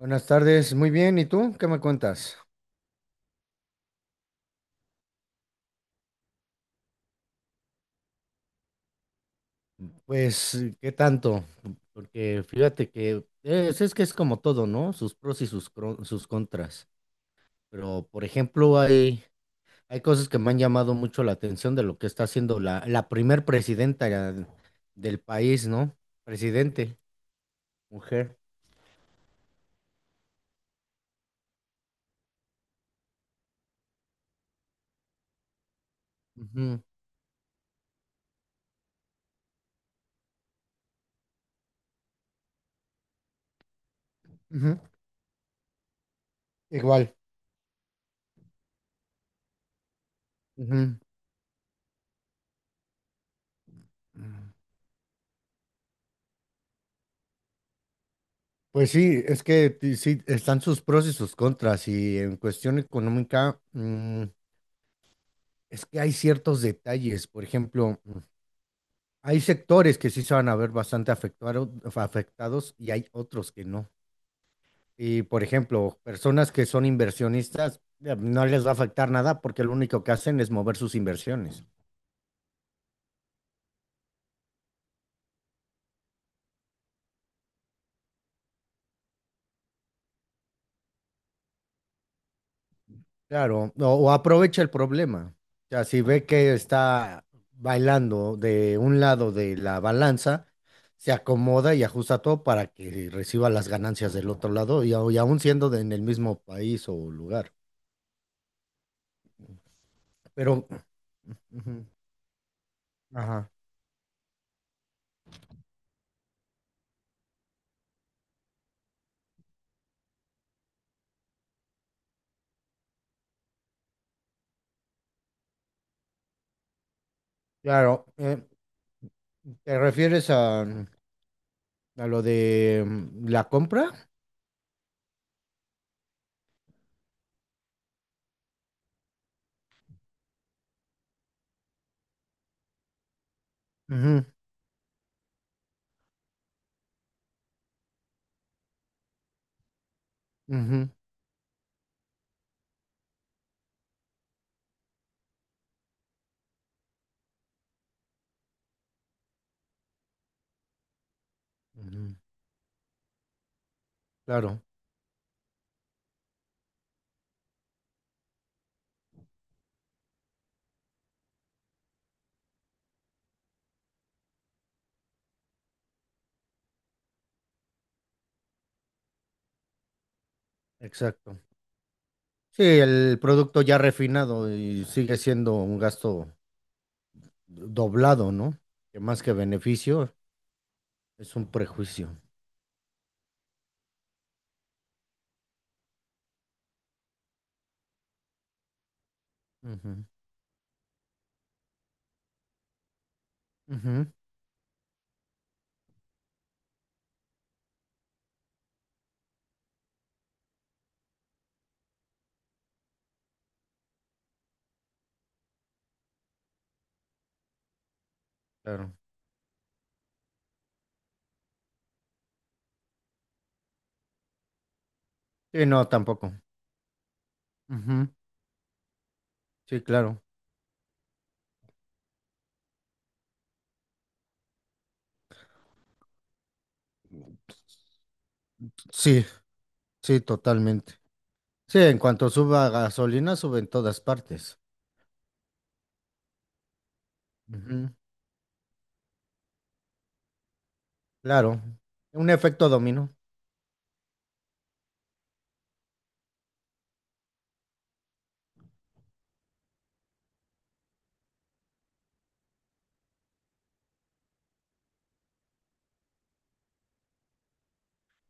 Buenas tardes, muy bien. ¿Y tú qué me cuentas? Pues, ¿qué tanto? Porque fíjate que es que es como todo, ¿no? Sus pros y sus contras. Pero, por ejemplo, hay cosas que me han llamado mucho la atención de lo que está haciendo la primer presidenta ya del país, ¿no? Presidente, mujer. Ujú. Ujú. Igual. Ujú. Pues sí, es que sí, están sus pros y sus contras. Y en cuestión económica, es que hay ciertos detalles, por ejemplo, hay sectores que sí se van a ver bastante afectados y hay otros que no. Y, por ejemplo, personas que son inversionistas, no les va a afectar nada porque lo único que hacen es mover sus inversiones. Claro, o aprovecha el problema. O sea, si ve que está bailando de un lado de la balanza, se acomoda y ajusta todo para que reciba las ganancias del otro lado y aún siendo en el mismo país o lugar. Pero Ujú. Ajá, claro. ¿Te refieres a lo de la compra? Ujú. Ujú. Ujú. Claro, exacto. Sí, el producto ya refinado y sigue siendo un gasto doblado, ¿no? Que más que beneficio es un prejuicio. Ujú. Ujú. Claro. Sí, no, tampoco. Ujú. Sí, claro. Sí, sí, totalmente. Sí, en cuanto suba gasolina, sube en todas partes. Claro, un efecto dominó.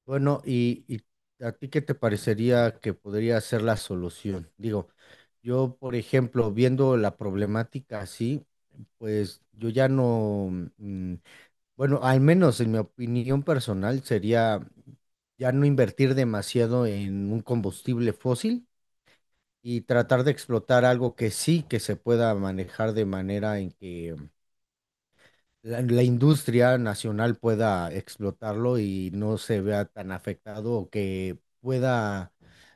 Bueno, ¿y a ti qué te parecería que podría ser la solución? Digo, yo, por ejemplo, viendo la problemática así, pues yo ya no, mm, bueno, al menos en mi opinión personal sería ya no invertir demasiado en un combustible fósil y tratar de explotar algo que sí que se pueda manejar de manera en que la industria nacional pueda explotarlo y no se vea tan afectado o que pueda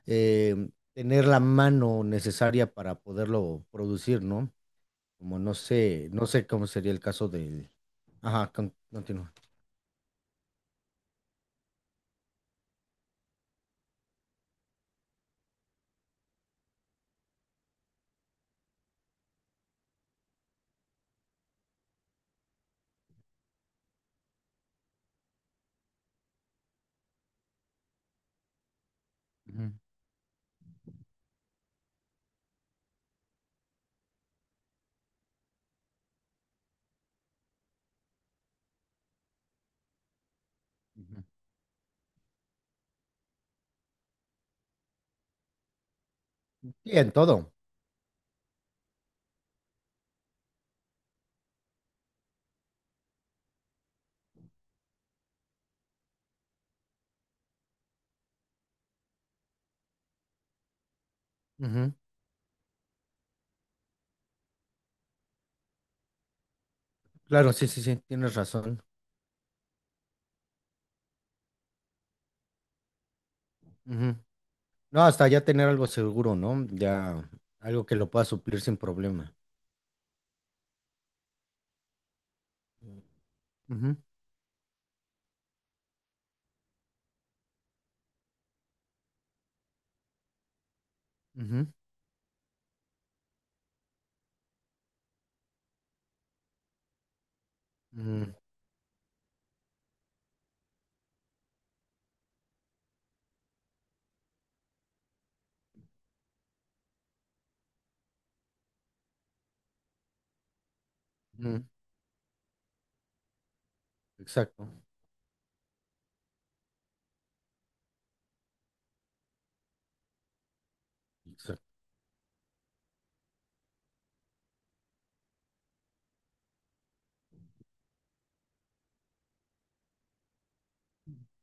tener la mano necesaria para poderlo producir, ¿no? Como no sé, no sé cómo sería el caso del... Ajá, continúa. Ujú. Ujú. Sí, en todo. Ujú. Claro, sí, sí, sí, tienes razón. Ujú. No, hasta ya tener algo seguro, ¿no? Ya algo que lo pueda suplir sin problema. Ujú. Ujú. Ujú. Ujú. Exacto. Exacto.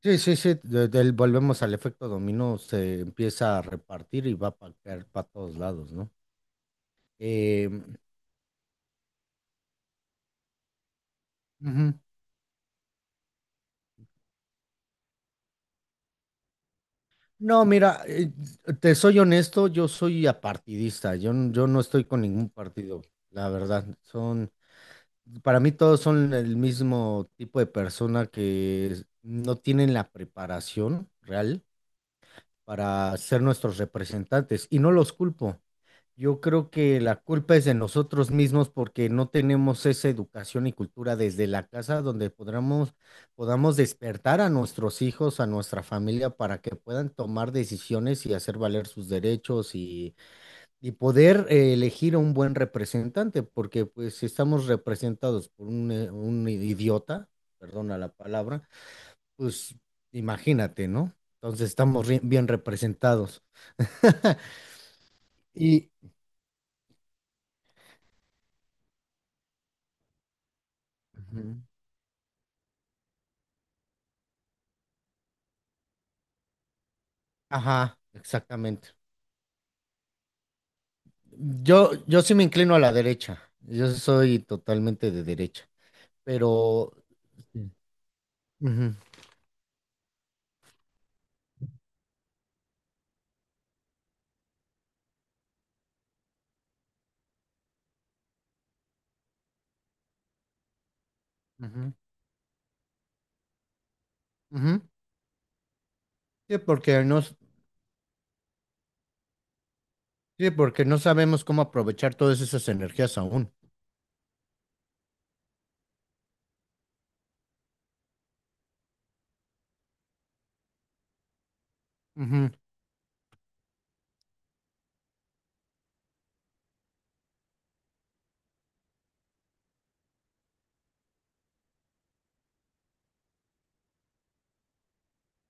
Sí, sí, sí, volvemos al efecto dominó, se empieza a repartir y va a caer para todos lados, ¿no? Eh, ujú. No, mira, te soy honesto, yo soy apartidista, yo no estoy con ningún partido, la verdad. Para mí todos son el mismo tipo de persona que no tienen la preparación real para ser nuestros representantes y no los culpo. Yo creo que la culpa es de nosotros mismos porque no tenemos esa educación y cultura desde la casa donde podamos despertar a nuestros hijos, a nuestra familia, para que puedan tomar decisiones y hacer valer sus derechos y poder elegir a un buen representante, porque pues si estamos representados por un idiota, perdona la palabra, pues imagínate, ¿no? Entonces estamos bien representados. Y, Ujú. Ajá, exactamente. Yo sí me inclino a la derecha. Yo soy totalmente de derecha. Pero sí. Ujú. Ujú. Ujú. Sí, porque no, s- sí, porque no sabemos cómo aprovechar todas esas energías aún. Ujú.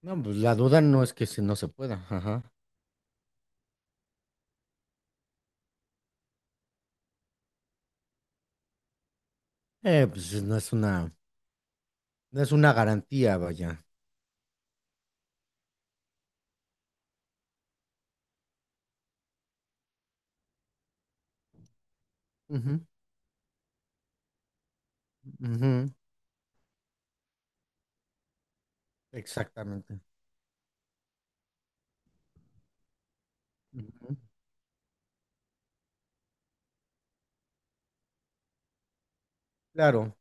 No, pues la duda no es que si no se pueda. Ajá. Pues no es una garantía, vaya. Ujú. Ujú. Exactamente. Ujú. Claro.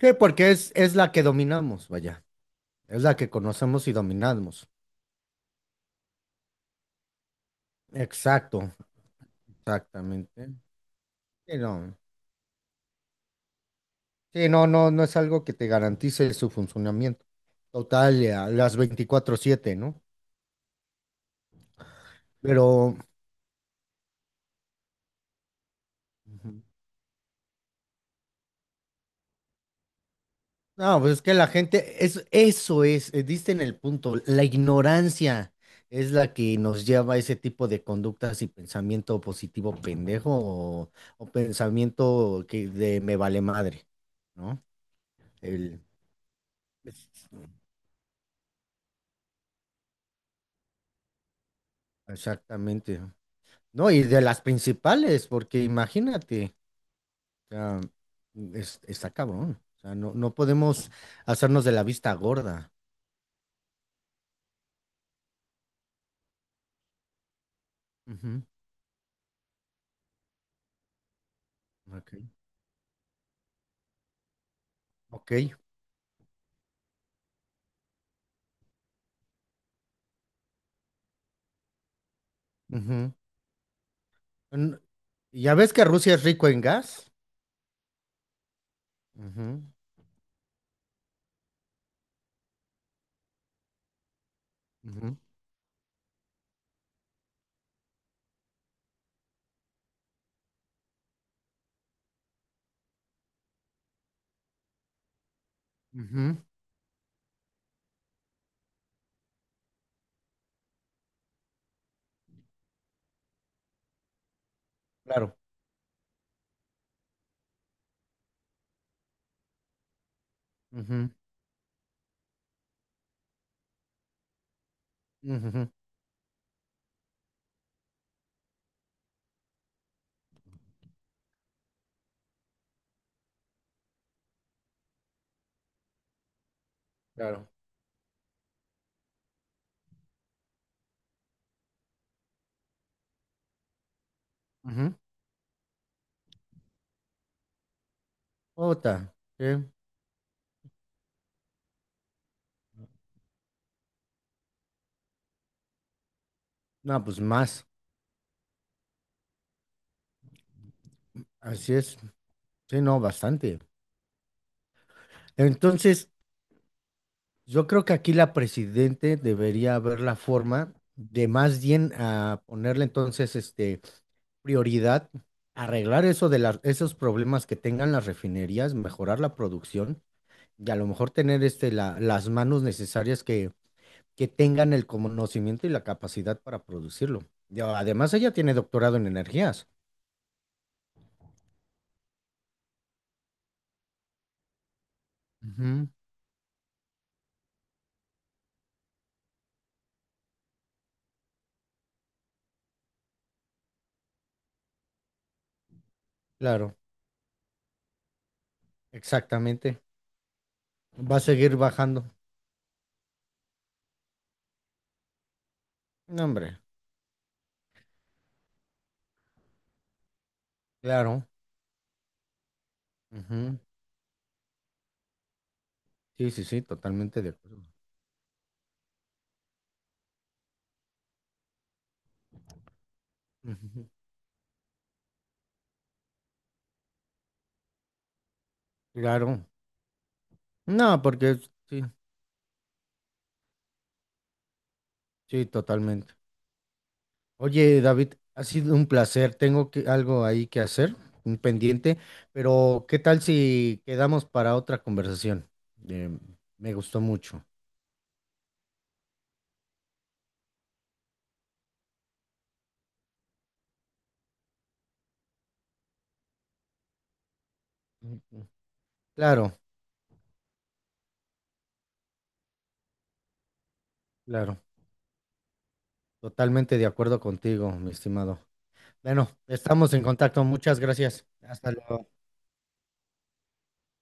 Sí, porque es la que dominamos, vaya. Es la que conocemos y dominamos. Exacto. Exactamente. Sí, no, sí, no, no, no es algo que te garantice su funcionamiento total a las 24/7, ¿no? Pero, Ujú. No, pues es que la gente, eso es, diste en el punto, la ignorancia es la que nos lleva a ese tipo de conductas y pensamiento positivo pendejo o pensamiento que de me vale madre, ¿no? El, Exactamente. No, y de las principales, porque imagínate. O sea, está cabrón. O sea, no, no podemos hacernos de la vista gorda. Ujú. Ok. Ok. Ujú. N- ¿Ya ves que Rusia es rico en gas? Ujú. Ujú. Ujú. Claro. Ujú. Ujú. Claro. Ujú. Ota, sí. No, pues más. Así es. Sí, no, bastante. Entonces, yo creo que aquí la presidente debería ver la forma de más bien a ponerle entonces prioridad, arreglar eso de esos problemas que tengan las refinerías, mejorar la producción y a lo mejor tener las manos necesarias que tengan el conocimiento y la capacidad para producirlo. Yo, además, ella tiene doctorado en energías. Ujú. Claro, exactamente. Va a seguir bajando. No, hombre, claro. Ujú. Sí, sí, sí, totalmente de acuerdo. Ujú. Claro. No, porque sí, sí, totalmente. Oye, David, ha sido un placer. Tengo que, algo ahí que hacer, un pendiente, pero ¿qué tal si quedamos para otra conversación? Eh, me gustó mucho. Ujú. Claro, claro. Totalmente de acuerdo contigo, mi estimado. Bueno, estamos en contacto. Muchas gracias. Hasta luego.